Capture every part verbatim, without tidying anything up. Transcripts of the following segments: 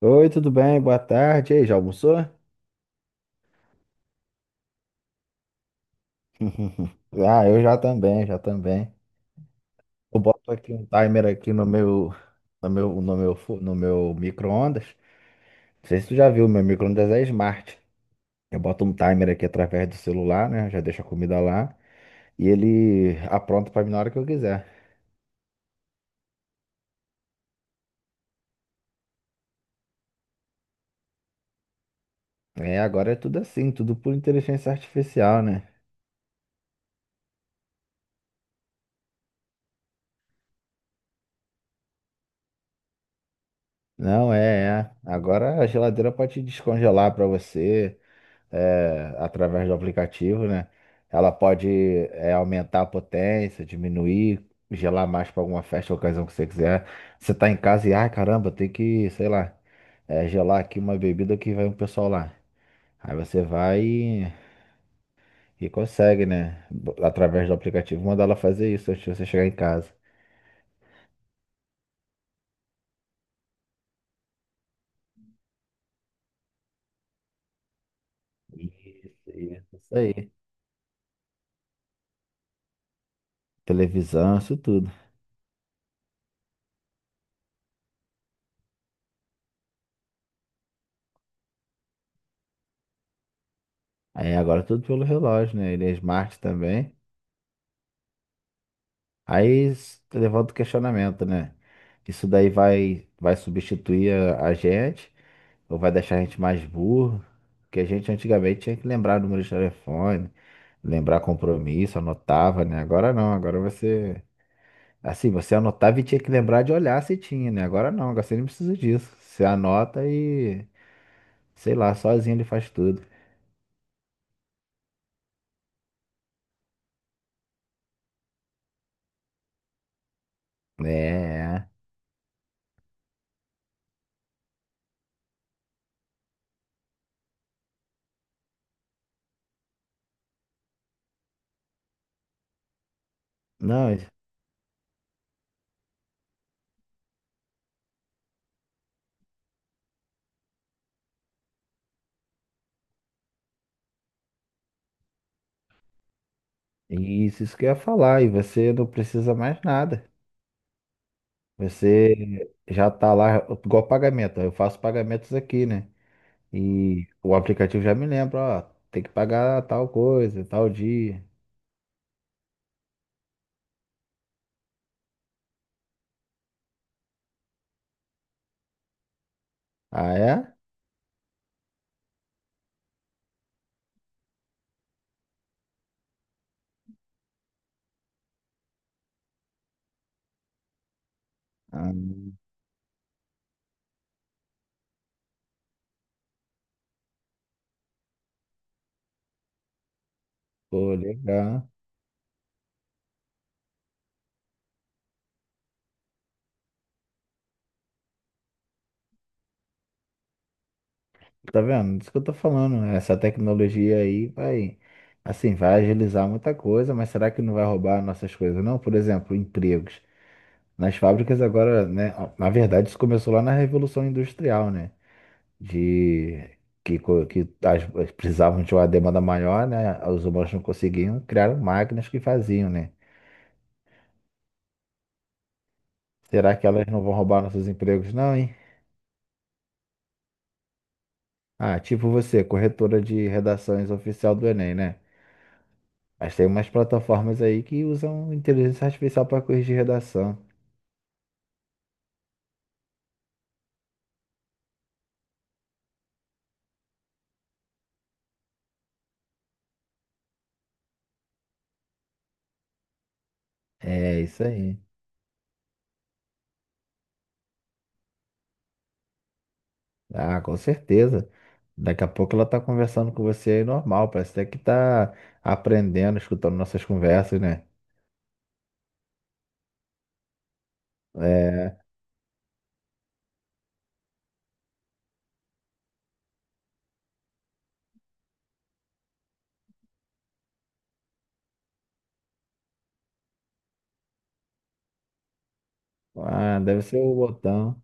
Oi, tudo bem? Boa tarde. E aí, já almoçou? Ah, eu já também, já também. Eu boto aqui um timer aqui no meu, no meu, no meu, fu- no meu micro-ondas. Não sei se tu já viu, meu micro-ondas é smart. Eu boto um timer aqui através do celular, né? Já deixo a comida lá e ele apronta pra mim na hora que eu quiser. É, agora é tudo assim, tudo por inteligência artificial, né? Não, é, é. Agora a geladeira pode descongelar pra você. É, através do aplicativo, né? Ela pode é, aumentar a potência, diminuir, gelar mais para alguma festa, ocasião que você quiser. Você tá em casa e, ai caramba, tem que, sei lá, é, gelar aqui uma bebida que vai um pessoal lá. Aí você vai e, e consegue, né? Bo- Através do aplicativo, mandar ela fazer isso antes de você chegar em casa. Isso, isso, isso aí. Televisão, isso tudo. Aí agora tudo pelo relógio, né? Ele é smart também. Aí s- levanta o questionamento, né? Isso daí vai, vai substituir a, a gente ou vai deixar a gente mais burro? Porque a gente antigamente tinha que lembrar o número de telefone, lembrar compromisso, anotava, né? Agora não, agora você. Assim, você anotava e tinha que lembrar de olhar se tinha, né? Agora não, agora você não precisa disso. Você anota e, sei lá, sozinho ele faz tudo. É, é. Não, isso, isso que eu ia falar, e você não precisa mais nada. Você já tá lá, igual pagamento. Eu faço pagamentos aqui, né? E o aplicativo já me lembra, ó, tem que pagar tal coisa, tal dia. Ah, é? Ah, pô, legal. Tá vendo? Isso que eu tô falando, né? Essa tecnologia aí vai, assim, vai agilizar muita coisa, mas será que não vai roubar nossas coisas, não? Por exemplo, empregos. Nas fábricas agora, né? Na verdade, isso começou lá na Revolução Industrial, né? De que, co- que as, as- precisavam de uma demanda maior, né? Os humanos não conseguiam, criaram máquinas que faziam, né? Será que elas não vão roubar nossos empregos, não, hein? Ah, tipo você, corretora de redações oficial do Enem, né? Mas tem umas plataformas aí que usam inteligência artificial para corrigir redação. É isso aí. Ah, com certeza. Daqui a pouco ela tá conversando com você aí normal, parece até que tá aprendendo, escutando nossas conversas, né? É. Ah, deve ser o botão.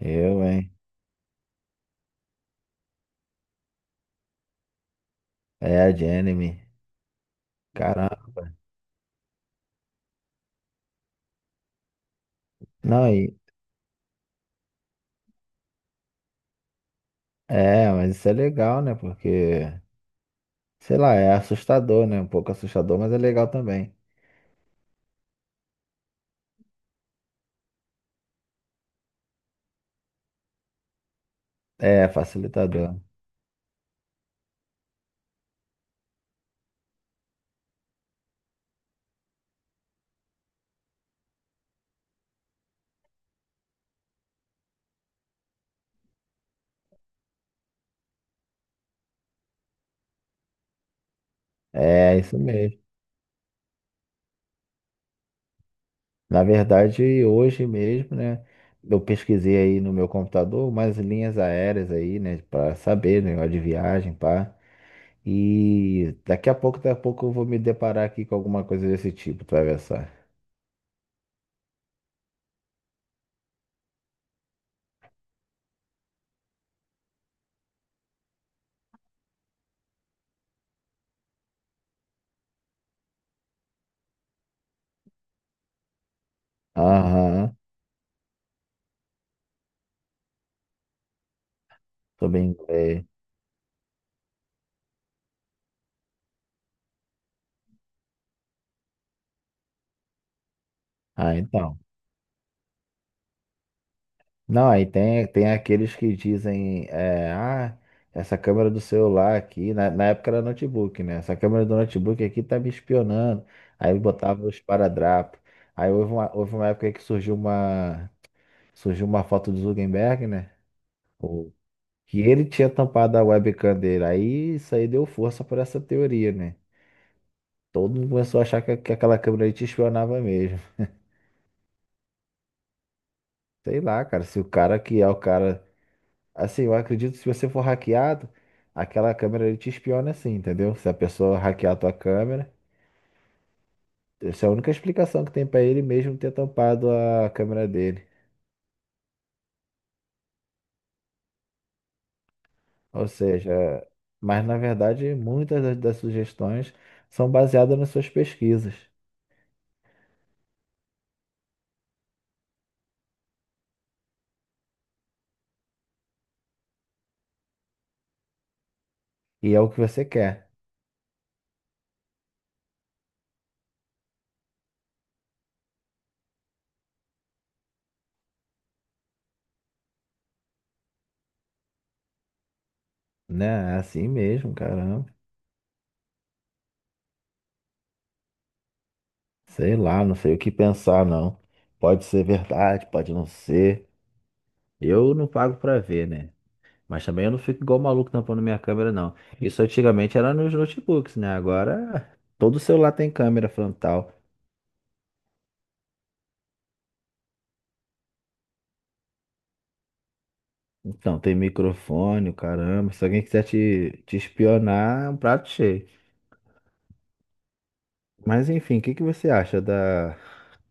Eu, hein? É a de anime. Caramba. Não, e... É, mas isso é legal, né? Porque, sei lá, é assustador, né? Um pouco assustador, mas é legal também. É, facilitador. É, isso mesmo. Na verdade, hoje mesmo, né? Eu pesquisei aí no meu computador umas linhas aéreas aí, né? Pra saber, né? De viagem, pá. E daqui a pouco, daqui a pouco eu vou me deparar aqui com alguma coisa desse tipo, tu vai ver só. Aham, tô bem, é. Ah, então. Não, aí tem, tem aqueles que dizem, é, ah, essa câmera do celular aqui, na, na época era notebook, né? Essa câmera do notebook aqui tá me espionando. Aí botava os esparadrapo. Aí houve uma, houve uma época que surgiu uma, surgiu uma foto do Zuckerberg, né? O, que ele tinha tampado a webcam dele. Aí isso aí deu força para essa teoria, né? Todo mundo começou a achar que, que aquela câmera aí te espionava mesmo. Sei lá, cara, se o cara que é o cara. Assim, eu acredito que se você for hackeado, aquela câmera ele te espiona assim, entendeu? Se a pessoa hackear a tua câmera, essa é a única explicação que tem pra ele mesmo ter tampado a câmera dele. Ou seja, mas na verdade muitas das, das sugestões são baseadas nas suas pesquisas. E é o que você quer, né? É assim mesmo, caramba. Sei lá, não sei o que pensar, não. Pode ser verdade, pode não ser. Eu não pago pra ver, né? Mas também eu não fico igual maluco tampando minha câmera, não. Isso antigamente era nos notebooks, né? Agora todo celular tem câmera frontal. Então, tem microfone, o caramba. Se alguém quiser te, te espionar, é um prato cheio. Mas enfim, o que que você acha da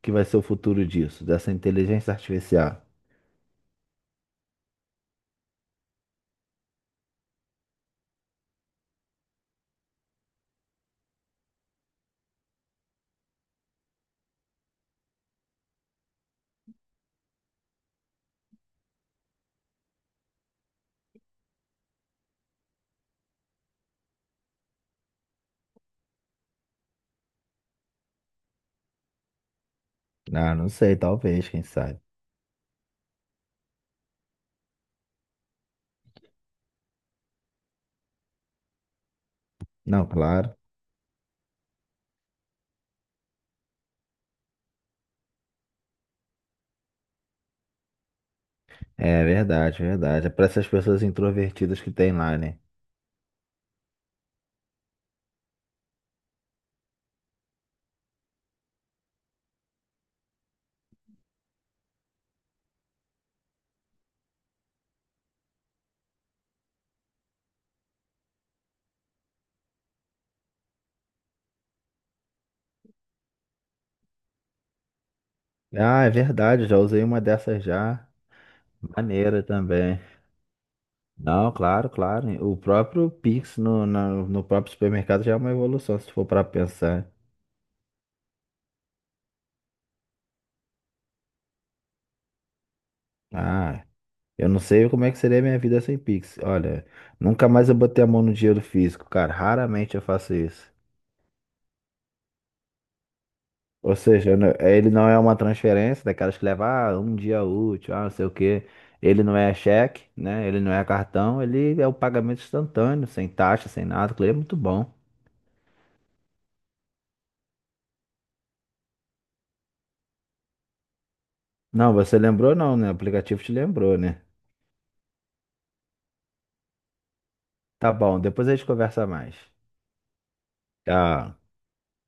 que vai ser o futuro disso, dessa inteligência artificial? Ah, não sei, talvez, quem sabe. Não, claro. É verdade, verdade. É para essas pessoas introvertidas que tem lá, né? Ah, é verdade, já usei uma dessas já. Maneira também. Não, claro, claro. O próprio Pix no, na- no próprio supermercado já é uma evolução, se for para pensar. Ah, eu não sei como é que seria a minha vida sem Pix. Olha, nunca mais eu botei a mão no dinheiro físico, cara. Raramente eu faço isso. Ou seja, eu ele não é uma transferência daquelas que leva ah, um dia útil, ah, não sei o quê. Ele não é cheque, né? Ele não é cartão, ele é o pagamento instantâneo, sem taxa, sem nada. Aquilo é muito bom. Não, você lembrou não, né? O aplicativo te lembrou, né? Tá bom, depois a gente conversa mais. Ah,